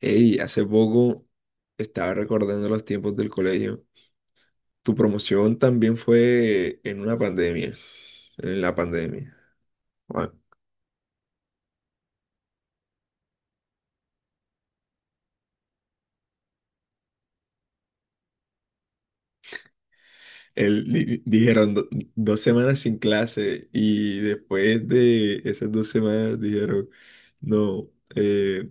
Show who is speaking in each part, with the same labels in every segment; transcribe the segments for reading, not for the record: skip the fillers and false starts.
Speaker 1: Ey, hace poco estaba recordando los tiempos del colegio. Tu promoción también fue en una pandemia, en la pandemia. Bueno, dijeron 2 semanas sin clase y después de esas 2 semanas dijeron, no, eh,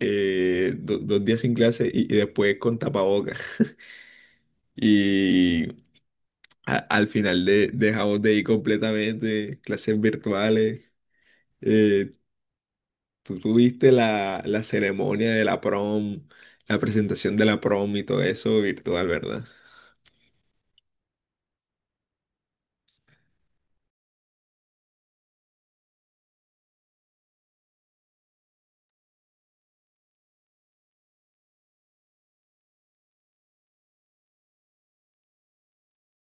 Speaker 1: 2 días sin clase y después con tapabocas. Y al final dejamos de ir completamente, clases virtuales. eh, Tú tuviste la ceremonia de la prom, la presentación de la prom y todo eso virtual, ¿verdad?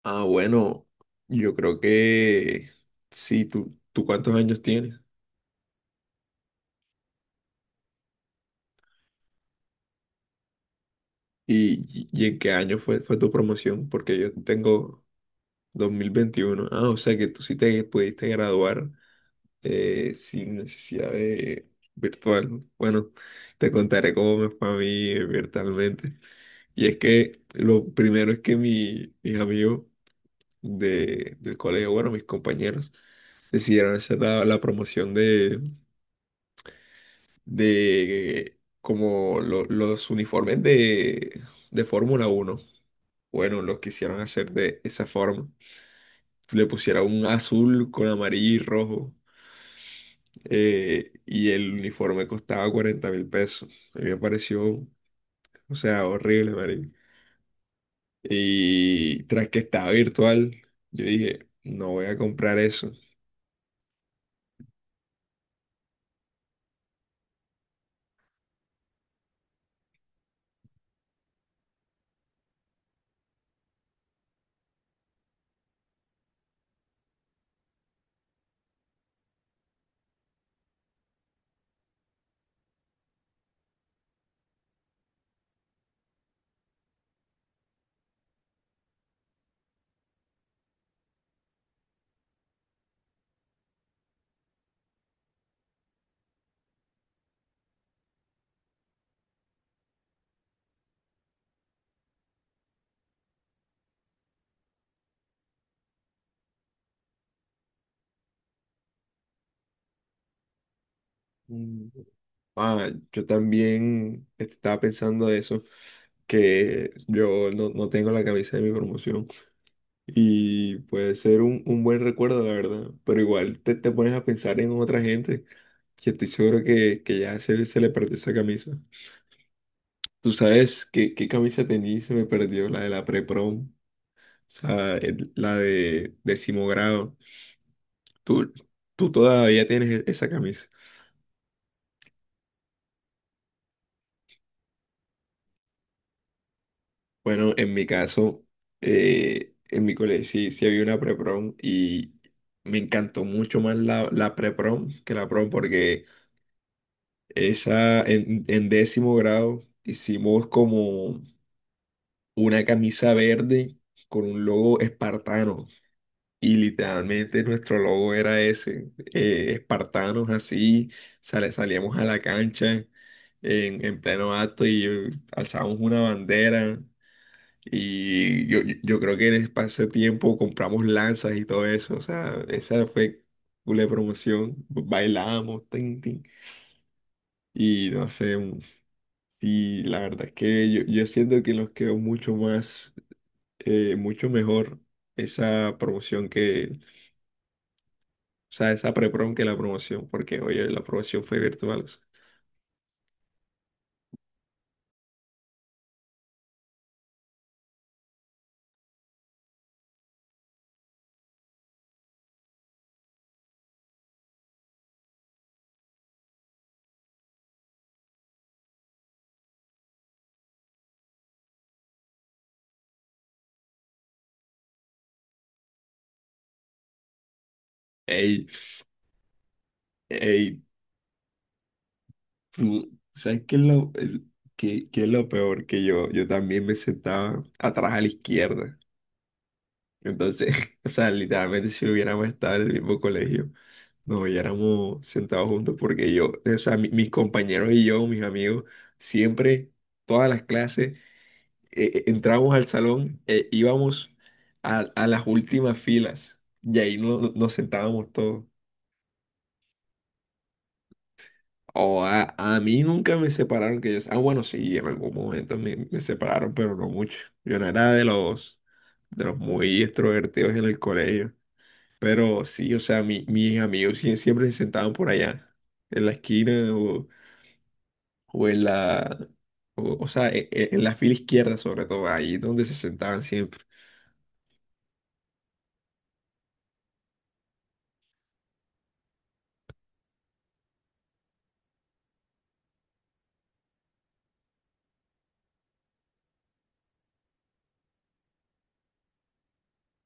Speaker 1: Ah, bueno, yo creo que sí. ¿Tú cuántos años tienes? ¿Y en qué año fue tu promoción? Porque yo tengo 2021. Ah, o sea que tú sí te pudiste graduar sin necesidad de virtual. Bueno, te contaré cómo me fue a mí virtualmente. Y es que lo primero es que mis amigos del colegio, bueno, mis compañeros, decidieron hacer la promoción de como los uniformes de Fórmula uno. Bueno, los quisieron hacer de esa forma. Le pusieron un azul con amarillo y rojo. Y el uniforme costaba $40.000. A mí me pareció, o sea, horrible, marica. Y tras que estaba virtual, yo dije, no voy a comprar eso. Ah, yo también estaba pensando eso, que yo no tengo la camisa de mi promoción y puede ser un buen recuerdo, la verdad, pero igual te pones a pensar en otra gente que estoy seguro que ya se le perdió esa camisa. Tú sabes qué camisa tenía y se me perdió, la de la pre-prom, o sea, la de décimo grado. Tú, tú todavía tienes esa camisa. Bueno, en mi caso, en mi colegio sí había una pre-prom y me encantó mucho más la pre-prom que la prom porque esa en décimo grado hicimos como una camisa verde con un logo espartano y literalmente nuestro logo era ese, espartanos así, salíamos a la cancha en pleno acto y alzábamos una bandera y yo creo que en ese pase tiempo compramos lanzas y todo eso. O sea, esa fue una promoción. Bailábamos, tin, tin. Y no sé, y la verdad es que yo siento que nos quedó mucho más, mucho mejor esa promoción que, o sea, esa pre-prom que la promoción, porque oye, la promoción fue virtual. O sea. Ey, ey, ¿sabes qué es lo peor? Que yo también me sentaba atrás a la izquierda. Entonces, o sea, literalmente si hubiéramos estado en el mismo colegio, nos hubiéramos sentado juntos porque yo, o sea, mis compañeros y yo, mis amigos, siempre, todas las clases, entrábamos al salón, íbamos a las últimas filas y ahí nos sentábamos todos. O a mí nunca me separaron, que yo, ah, bueno, sí, en algún momento me separaron, pero no mucho. Yo no era de los muy extrovertidos en el colegio. Pero sí, o sea, mis amigos siempre se sentaban por allá, en la esquina o en la, o sea, e- e- en, la fila izquierda sobre todo, ahí donde se sentaban siempre.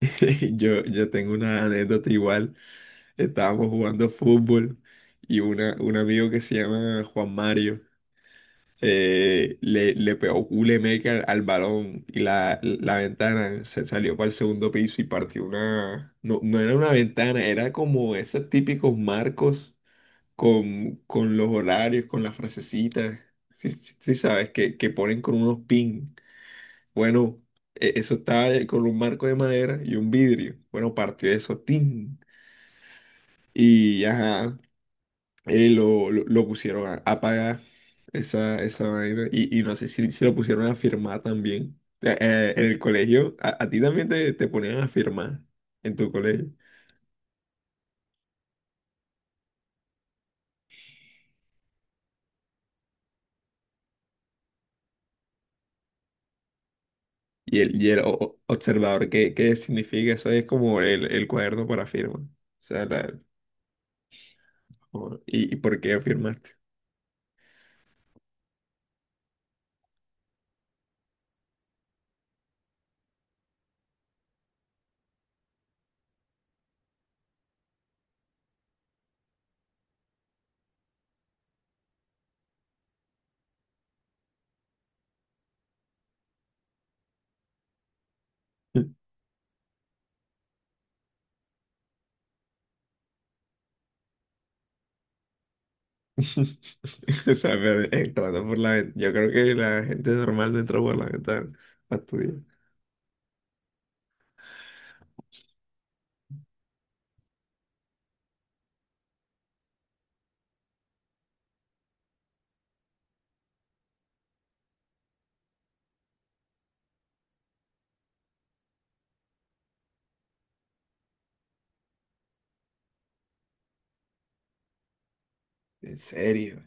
Speaker 1: Yo tengo una anécdota igual, estábamos jugando fútbol y un amigo que se llama Juan Mario le pegó culemeca al balón y la ventana se salió para el segundo piso y partió una, no, no era una ventana, era como esos típicos marcos con los horarios, con las frasecitas. Sí sabes, que ponen con unos pin. Bueno, eso estaba con un marco de madera y un vidrio. Bueno, partió eso, tin. Y ajá, lo pusieron a pagar esa vaina. Y no sé si, lo pusieron a firmar también. En el colegio, a ti también te ponían a firmar en tu colegio. Y el observador, ¿qué significa? Eso es como el cuaderno para firma. O sea, ¿y por qué firmaste? O sea, pero entrando por la ventana. Yo creo que la gente normal no entra por la ventana a estudiar. En serio.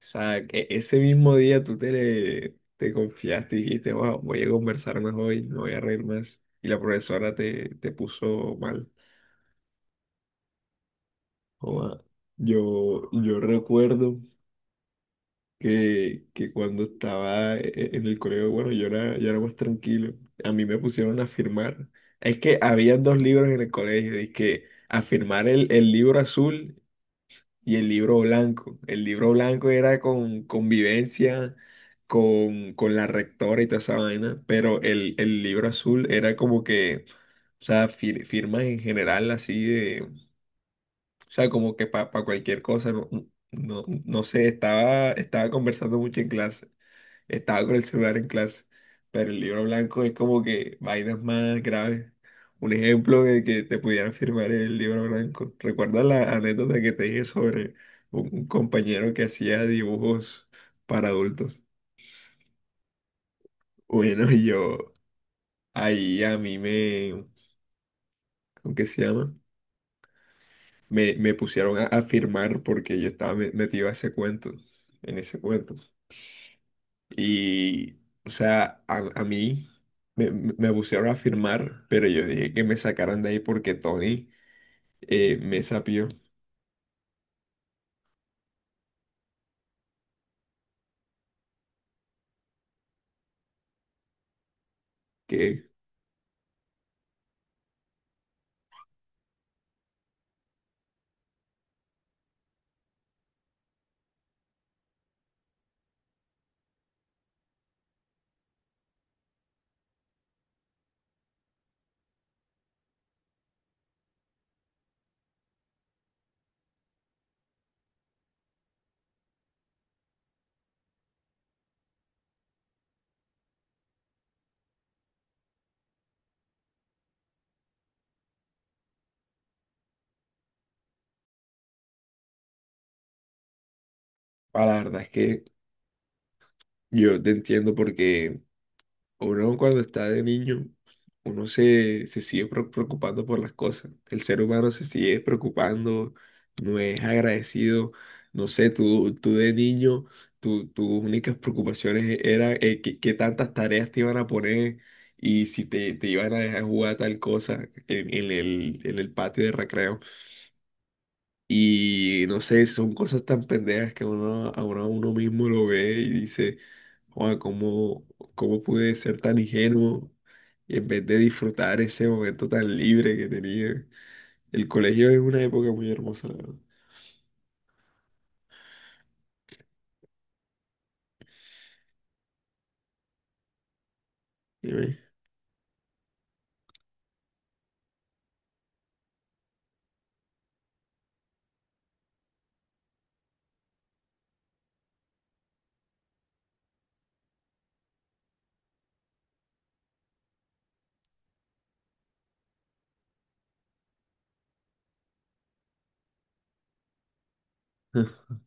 Speaker 1: O sea, que ese mismo día te confiaste y dijiste, wow, voy a conversar más hoy, no voy a reír más. Y la profesora te puso mal. Joda. Yo recuerdo que cuando estaba en el colegio, bueno, yo era más tranquilo. A mí me pusieron a firmar. Es que había dos libros en el colegio, y que a firmar el libro azul y el libro blanco. El libro blanco era con convivencia, con la rectora y toda esa vaina, pero el libro azul era como que, o sea, firmas en general así. O sea, como que para cualquier cosa, no, no sé, estaba conversando mucho en clase, estaba con el celular en clase, pero el libro blanco es como que vainas más graves. Un ejemplo de que te pudieran firmar el libro blanco. ¿Recuerdas la anécdota que te dije sobre un compañero que hacía dibujos para adultos? Bueno, yo ahí a mí me, ¿cómo que se llama? Me pusieron a firmar porque yo estaba metido a ese cuento, en ese cuento. Y, o sea, a mí me pusieron a firmar, pero yo dije que me sacaran de ahí porque Tony me sapió. Que la verdad es que yo te entiendo porque uno cuando está de niño, uno se sigue preocupando por las cosas. El ser humano se sigue preocupando, no es agradecido. No sé, tú de niño, tus únicas preocupaciones eran qué tantas tareas te iban a poner y si te iban a dejar jugar tal cosa en, en el patio de recreo. Y no sé, son cosas tan pendejas que uno, ahora uno a uno mismo lo ve y dice, "Joa, ¿cómo pude ser tan ingenuo? Y en vez de disfrutar ese momento tan libre que tenía. El colegio es una época muy hermosa, la verdad. Dime.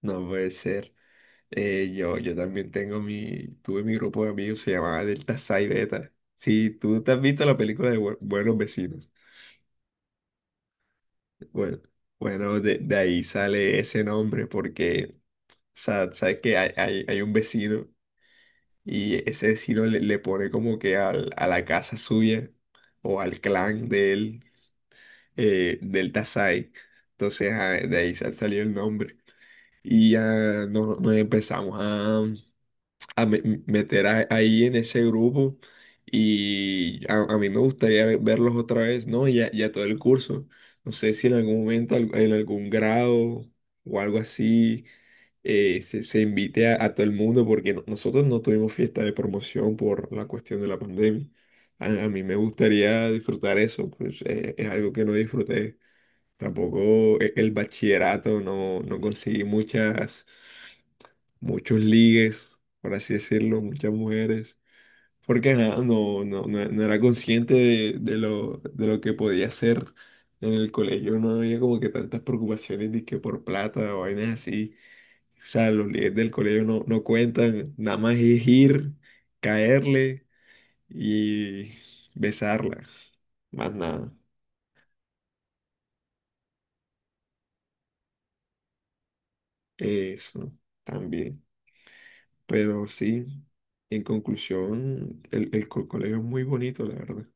Speaker 1: No puede ser. Yo también tengo tuve mi grupo de amigos, se llamaba Delta Psi Beta. Sí, tú te has visto la película de Buenos Vecinos. Bueno, bueno, de ahí sale ese nombre porque. O sea, sabes que hay un vecino y ese vecino le pone como que a la casa suya o al clan de él, del Tasai. Entonces, ah, de ahí salió el nombre. Y ya nos, empezamos a, meter ahí en ese grupo. Y a mí me gustaría verlos otra vez, ¿no? Ya, ya todo el curso. No sé si en algún momento, en algún grado o algo así se invite a todo el mundo porque nosotros no tuvimos fiesta de promoción por la cuestión de la pandemia. A mí me gustaría disfrutar eso, pues es algo que no disfruté. Tampoco el bachillerato, no conseguí muchos ligues, por así decirlo, muchas mujeres. Porque ajá, no era consciente de lo que podía hacer en el colegio. No había como que tantas preocupaciones de que por plata o vainas así. O sea, los líderes del colegio no cuentan, nada más es ir, caerle y besarla, más nada. Eso también. Pero sí, en conclusión, el colegio es muy bonito, la verdad.